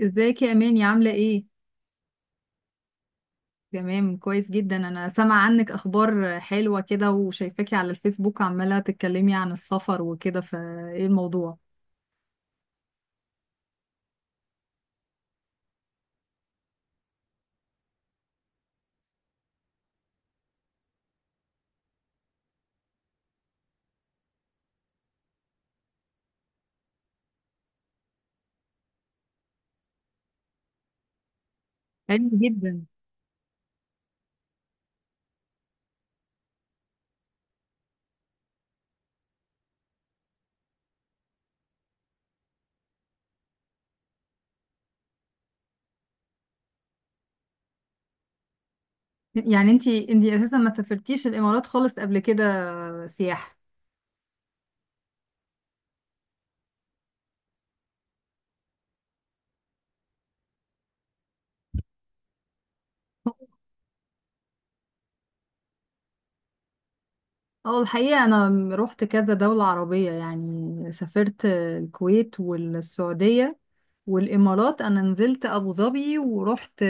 ازيك يا اماني؟ عامله ايه؟ تمام، كويس جدا. انا سامعه عنك اخبار حلوه كده وشايفاكي على الفيسبوك عماله تتكلمي عن السفر وكده، فايه الموضوع؟ حلو جدا. يعني انتي اساسا ما سافرتيش الامارات خالص قبل كده سياحه؟ اه الحقيقه انا رحت كذا دوله عربيه، يعني سافرت الكويت والسعوديه والامارات. انا نزلت ابو ظبي ورحت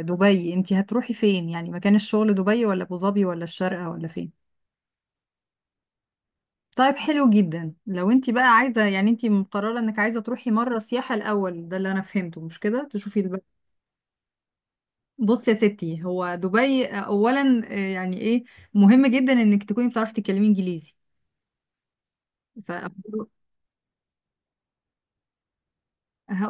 دبي. انتي هتروحي فين يعني، مكان الشغل دبي ولا ابو ظبي ولا الشارقه ولا فين؟ طيب حلو جدا. لو انت بقى عايزة، يعني انت مقررة انك عايزة تروحي مرة سياحة الأول، ده اللي انا فهمته، مش كده؟ تشوفي البلد. بص يا ستي، هو دبي اولا يعني ايه مهم جدا انك تكوني بتعرفي تتكلمي انجليزي. فهقول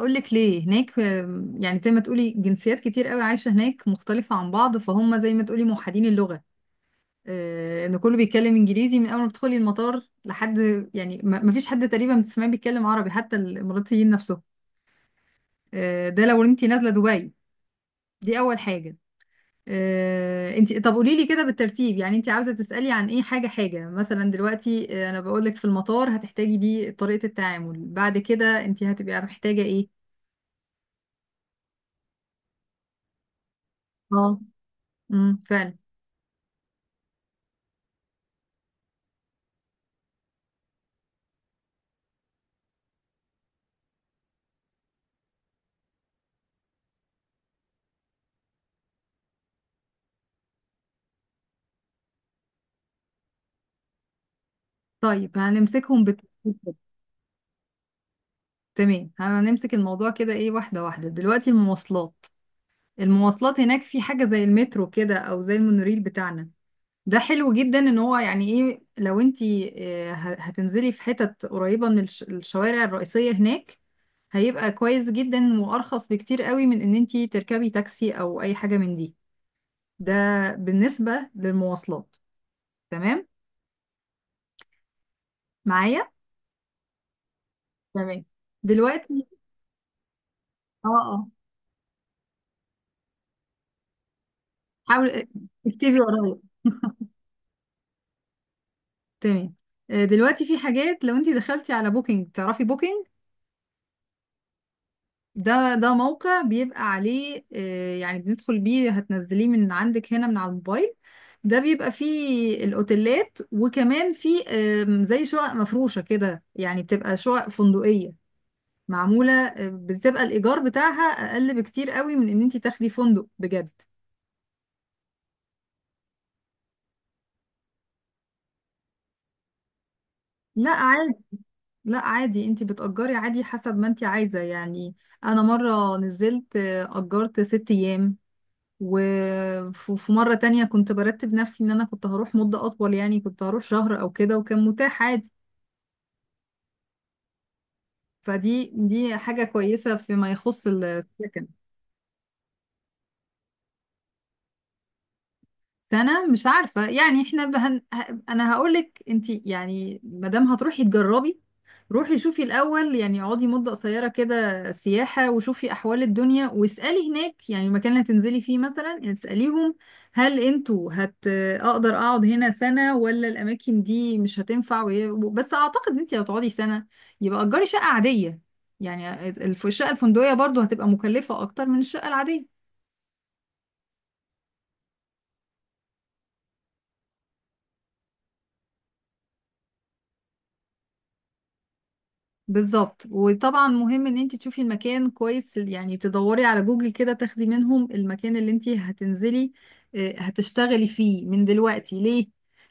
لك ليه هناك. يعني زي ما تقولي جنسيات كتير قوي عايشة هناك مختلفة عن بعض، فهم زي ما تقولي موحدين اللغة، ان كله بيتكلم انجليزي من اول ما تدخلي المطار لحد يعني ما فيش حد تقريبا بتسمعيه بيتكلم عربي، حتى الاماراتيين نفسهم، ده لو انت نازله دبي. دي اول حاجه. انت طب قولي لي كده بالترتيب، يعني انت عاوزه تسالي عن ايه؟ حاجه حاجه. مثلا دلوقتي انا بقول لك في المطار هتحتاجي دي طريقه التعامل، بعد كده انت هتبقي محتاجه ايه؟ اه، امم، فعلا. طيب تمام، هنمسك الموضوع كده ايه، واحده واحده. دلوقتي المواصلات. المواصلات هناك في حاجه زي المترو كده او زي المونوريل بتاعنا. ده حلو جدا، ان هو يعني ايه، لو انتي هتنزلي في حتت قريبة من الشوارع الرئيسية هناك، هيبقى كويس جدا وارخص بكتير قوي من ان انتي تركبي تاكسي او اي حاجة من دي. ده بالنسبة للمواصلات. تمام معايا؟ تمام. دلوقتي اه، اه، حاول اكتبي ورايا. تمام. دلوقتي في حاجات، لو انتي دخلتي على بوكينج، تعرفي بوكينج؟ ده موقع بيبقى عليه يعني بندخل بيه، هتنزليه من عندك هنا من على الموبايل. ده بيبقى فيه الأوتيلات، وكمان فيه زي شقق مفروشة كده، يعني بتبقى شقق فندقية معمولة بتبقى الإيجار بتاعها أقل بكتير قوي من إن انت تاخدي فندق بجد. لا عادي. لا عادي، انت بتأجري عادي حسب ما انت عايزة يعني. أنا مرة نزلت أجرت ست أيام، وفي مرة تانية كنت برتب نفسي ان انا كنت هروح مدة اطول، يعني كنت هروح شهر او كده، وكان متاح عادي. فدي حاجة كويسة فيما يخص السكن. سنة مش عارفة، يعني احنا انا هقولك انتي يعني، مادام هتروحي تجربي، روحي شوفي الأول، يعني اقعدي مدة قصيرة كده سياحة، وشوفي أحوال الدنيا، واسألي هناك، يعني المكان اللي هتنزلي فيه مثلا، يعني اسأليهم هل انتوا أقدر أقعد هنا سنة ولا الأماكن دي مش هتنفع؟ بس أعتقد انتي لو تقعدي سنة يبقى أجري شقة عادية، يعني الشقة الفندقية برضو هتبقى مكلفة أكتر من الشقة العادية. بالظبط، وطبعا مهم ان انت تشوفي المكان كويس، يعني تدوري على جوجل كده، تاخدي منهم المكان اللي انت هتنزلي هتشتغلي فيه من دلوقتي، ليه؟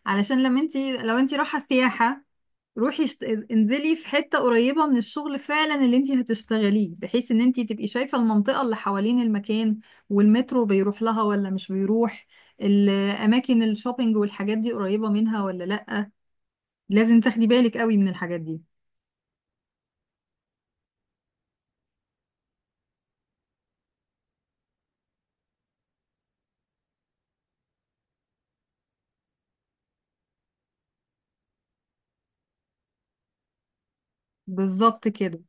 علشان لما انت، لو انت رايحه سياحه، روحي انزلي في حته قريبه من الشغل فعلا اللي انت هتشتغليه، بحيث ان انت تبقي شايفه المنطقه اللي حوالين المكان، والمترو بيروح لها ولا مش بيروح، الاماكن الشوبينج والحاجات دي قريبه منها ولا لا. لازم تاخدي بالك قوي من الحاجات دي. بالظبط كده.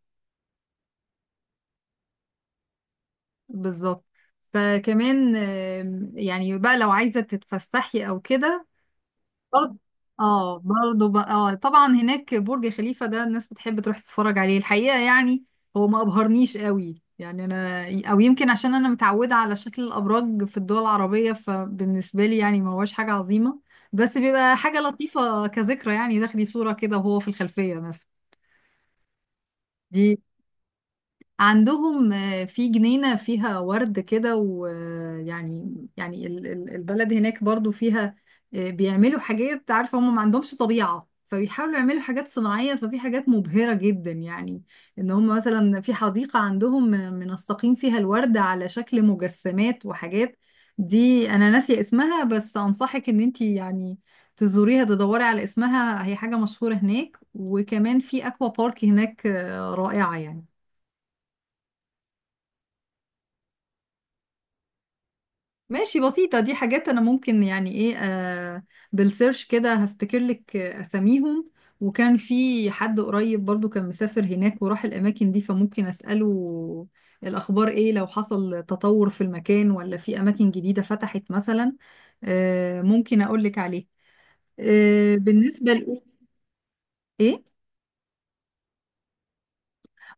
بالظبط. فكمان يعني بقى لو عايزة تتفسحي او كده برضه، اه برضه بقى، اه طبعا هناك برج خليفة، ده الناس بتحب تروح تتفرج عليه. الحقيقة يعني هو ما ابهرنيش قوي، يعني انا او يمكن عشان انا متعودة على شكل الابراج في الدول العربية، فبالنسبة لي يعني ما هوش حاجة عظيمة، بس بيبقى حاجة لطيفة كذكرى، يعني تاخدي صورة كده وهو في الخلفية مثلا. دي عندهم في جنينة فيها ورد كده، ويعني يعني البلد هناك برضو فيها بيعملوا حاجات، عارفة هم ما عندهمش طبيعة، فبيحاولوا يعملوا حاجات صناعية، ففي حاجات مبهرة جدا يعني، ان هم مثلا في حديقة عندهم منسقين فيها الورد على شكل مجسمات وحاجات. دي انا ناسية اسمها، بس انصحك ان انتي يعني تزوريها، تدوري على اسمها، هي حاجة مشهورة هناك. وكمان في اكوا بارك هناك رائعة يعني. ماشي، بسيطة، دي حاجات أنا ممكن يعني إيه، آه، بالسيرش كده هفتكر لك أساميهم. وكان في حد قريب برضو كان مسافر هناك وراح الأماكن دي، فممكن أسأله الأخبار إيه، لو حصل تطور في المكان ولا في أماكن جديدة فتحت مثلا، آه ممكن أقول لك عليه. آه، بالنسبة لإيه؟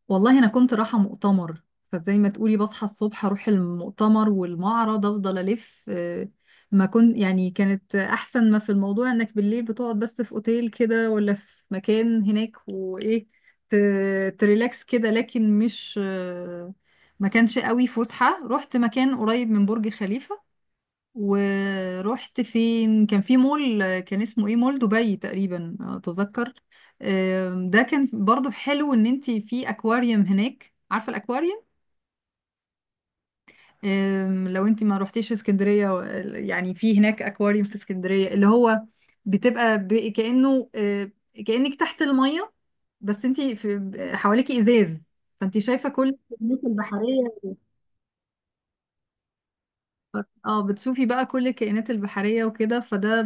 والله انا كنت رايحه مؤتمر، فزي ما تقولي بصحى الصبح اروح المؤتمر والمعرض، افضل الف ما كنت يعني، كانت احسن ما في الموضوع انك بالليل بتقعد بس في اوتيل كده ولا في مكان هناك، وايه تريلاكس كده، لكن مش ما كانش قوي فسحه. رحت مكان قريب من برج خليفه، ورحت فين، كان في مول كان اسمه ايه، مول دبي تقريبا اتذكر. ده كان برضو حلو، ان انت في اكواريوم هناك، عارفه الاكواريوم؟ لو انت ما روحتيش اسكندريه يعني في هناك اكواريوم في اسكندريه، اللي هو بتبقى كانه كانك تحت الميه، بس انت في حواليكي ازاز، فانت شايفه كل الكائنات البحريه. اه بتشوفي بقى كل الكائنات البحريه وكده، فده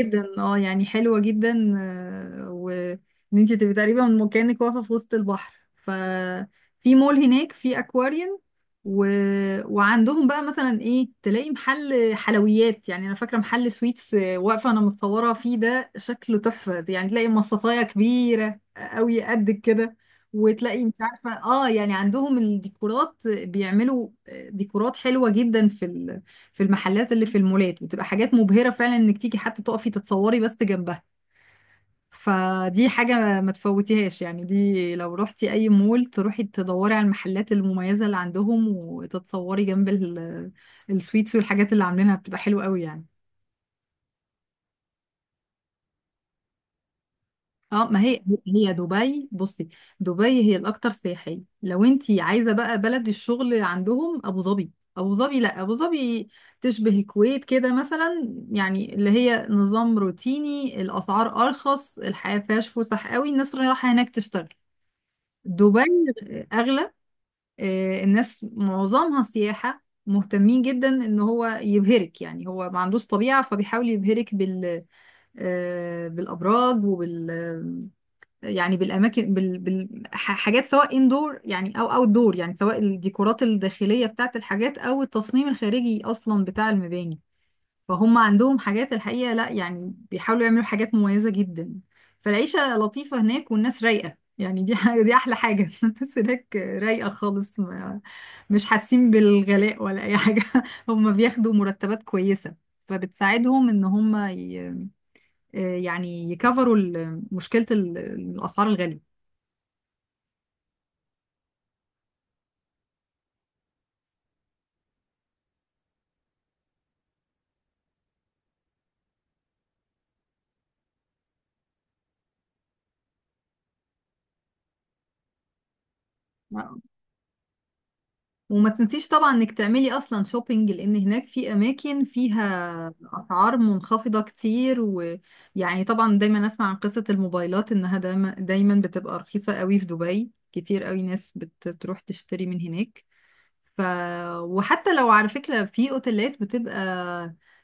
جدا اه يعني حلوة جدا. وان انت تبقي تقريبا من كأنك واقفة في وسط البحر، ففي مول هناك في اكواريوم و... وعندهم بقى مثلا ايه، تلاقي محل حلويات، يعني انا فاكرة محل سويتس واقفة انا متصورة فيه، ده شكله تحفة، يعني تلاقي مصاصاية كبيرة قوي قد كده، وتلاقي مش عارفة اه، يعني عندهم الديكورات بيعملوا ديكورات حلوة جدا في في المحلات اللي في المولات، بتبقى حاجات مبهرة فعلا، انك تيجي حتى تقفي تتصوري بس جنبها. فدي حاجة ما تفوتيهاش يعني، دي لو رحتي أي مول تروحي تدوري على المحلات المميزة اللي عندهم، وتتصوري جنب السويتس والحاجات اللي عاملينها، بتبقى حلوة قوي يعني. اه، ما هي هي دبي، بصي، دبي هي الاكثر سياحيه. لو انت عايزه بقى بلد الشغل، عندهم ابو ظبي. ابو ظبي، لا ابو ظبي تشبه الكويت كده مثلا، يعني اللي هي نظام روتيني، الاسعار ارخص، الحياه فيهاش فسح قوي، الناس رايحه هناك تشتغل. دبي اغلى. الناس معظمها سياحه، مهتمين جدا ان هو يبهرك، يعني هو ما عندوش طبيعه، فبيحاول يبهرك بالابراج يعني بالاماكن، حاجات، سواء اندور يعني او اوت دور، يعني سواء الديكورات الداخليه بتاعت الحاجات او التصميم الخارجي اصلا بتاع المباني. فهم عندهم حاجات الحقيقه لا يعني، بيحاولوا يعملوا حاجات مميزه جدا. فالعيشه لطيفه هناك، والناس رايقه يعني، دي احلى حاجه. الناس هناك رايقه خالص، ما... مش حاسين بالغلاء ولا اي حاجه. هم بياخدوا مرتبات كويسه، فبتساعدهم ان هم ي... آه، يعني يكفروا مشكله الاسعار الغاليه. وما تنسيش طبعا انك تعملي اصلا شوبينج، لان هناك في اماكن فيها اسعار منخفضة كتير. ويعني طبعا دايما اسمع عن قصة الموبايلات، انها دايما بتبقى رخيصة قوي في دبي، كتير قوي ناس بتروح تشتري من هناك. ف وحتى لو على فكرة في اوتيلات بتبقى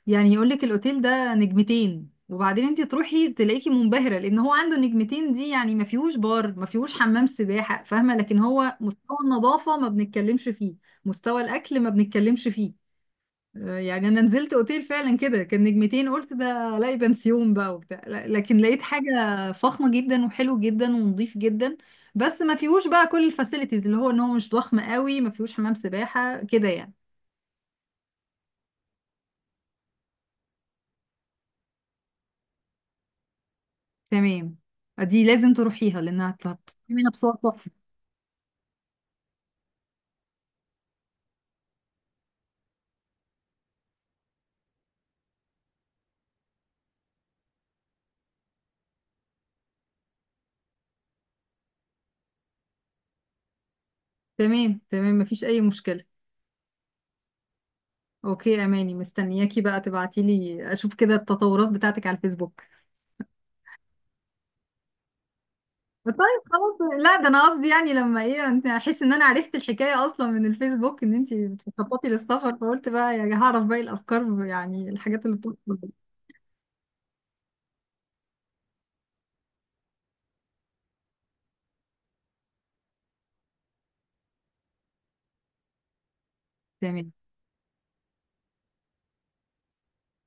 يعني يقولك الاوتيل ده نجمتين، وبعدين انت تروحي تلاقيكي منبهرة، لان هو عنده نجمتين دي يعني ما فيهوش بار، ما فيهوش حمام سباحة، فاهمة؟ لكن هو مستوى النظافة ما بنتكلمش فيه، مستوى الاكل ما بنتكلمش فيه. يعني انا نزلت اوتيل فعلا كده كان نجمتين، قلت ده الاقي بنسيون بقى وبتاع، لكن لقيت حاجه فخمه جدا، وحلو جدا، ونظيف جدا، بس ما فيهوش بقى كل الفاسيلتيز، اللي هو ان هو مش ضخم قوي، ما فيهوش حمام سباحه كده يعني. تمام، دي لازم تروحيها لانها هتعملها بصور تحفه. تمام، تمام، ما فيش اي مشكله. اوكي اماني، مستنياكي بقى تبعتي لي اشوف كده التطورات بتاعتك على الفيسبوك. طيب خلاص، لا ده انا قصدي يعني لما ايه، انت احس ان انا عرفت الحكايه اصلا من الفيسبوك، ان انت بتخططي للسفر، فقلت بقى يعني هعرف باقي الافكار، يعني الحاجات اللي بتحصل. تمام،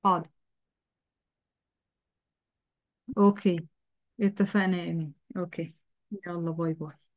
حاضر. اوكي. اتفقنا يا ايمان، اوكي. يلا باي باي.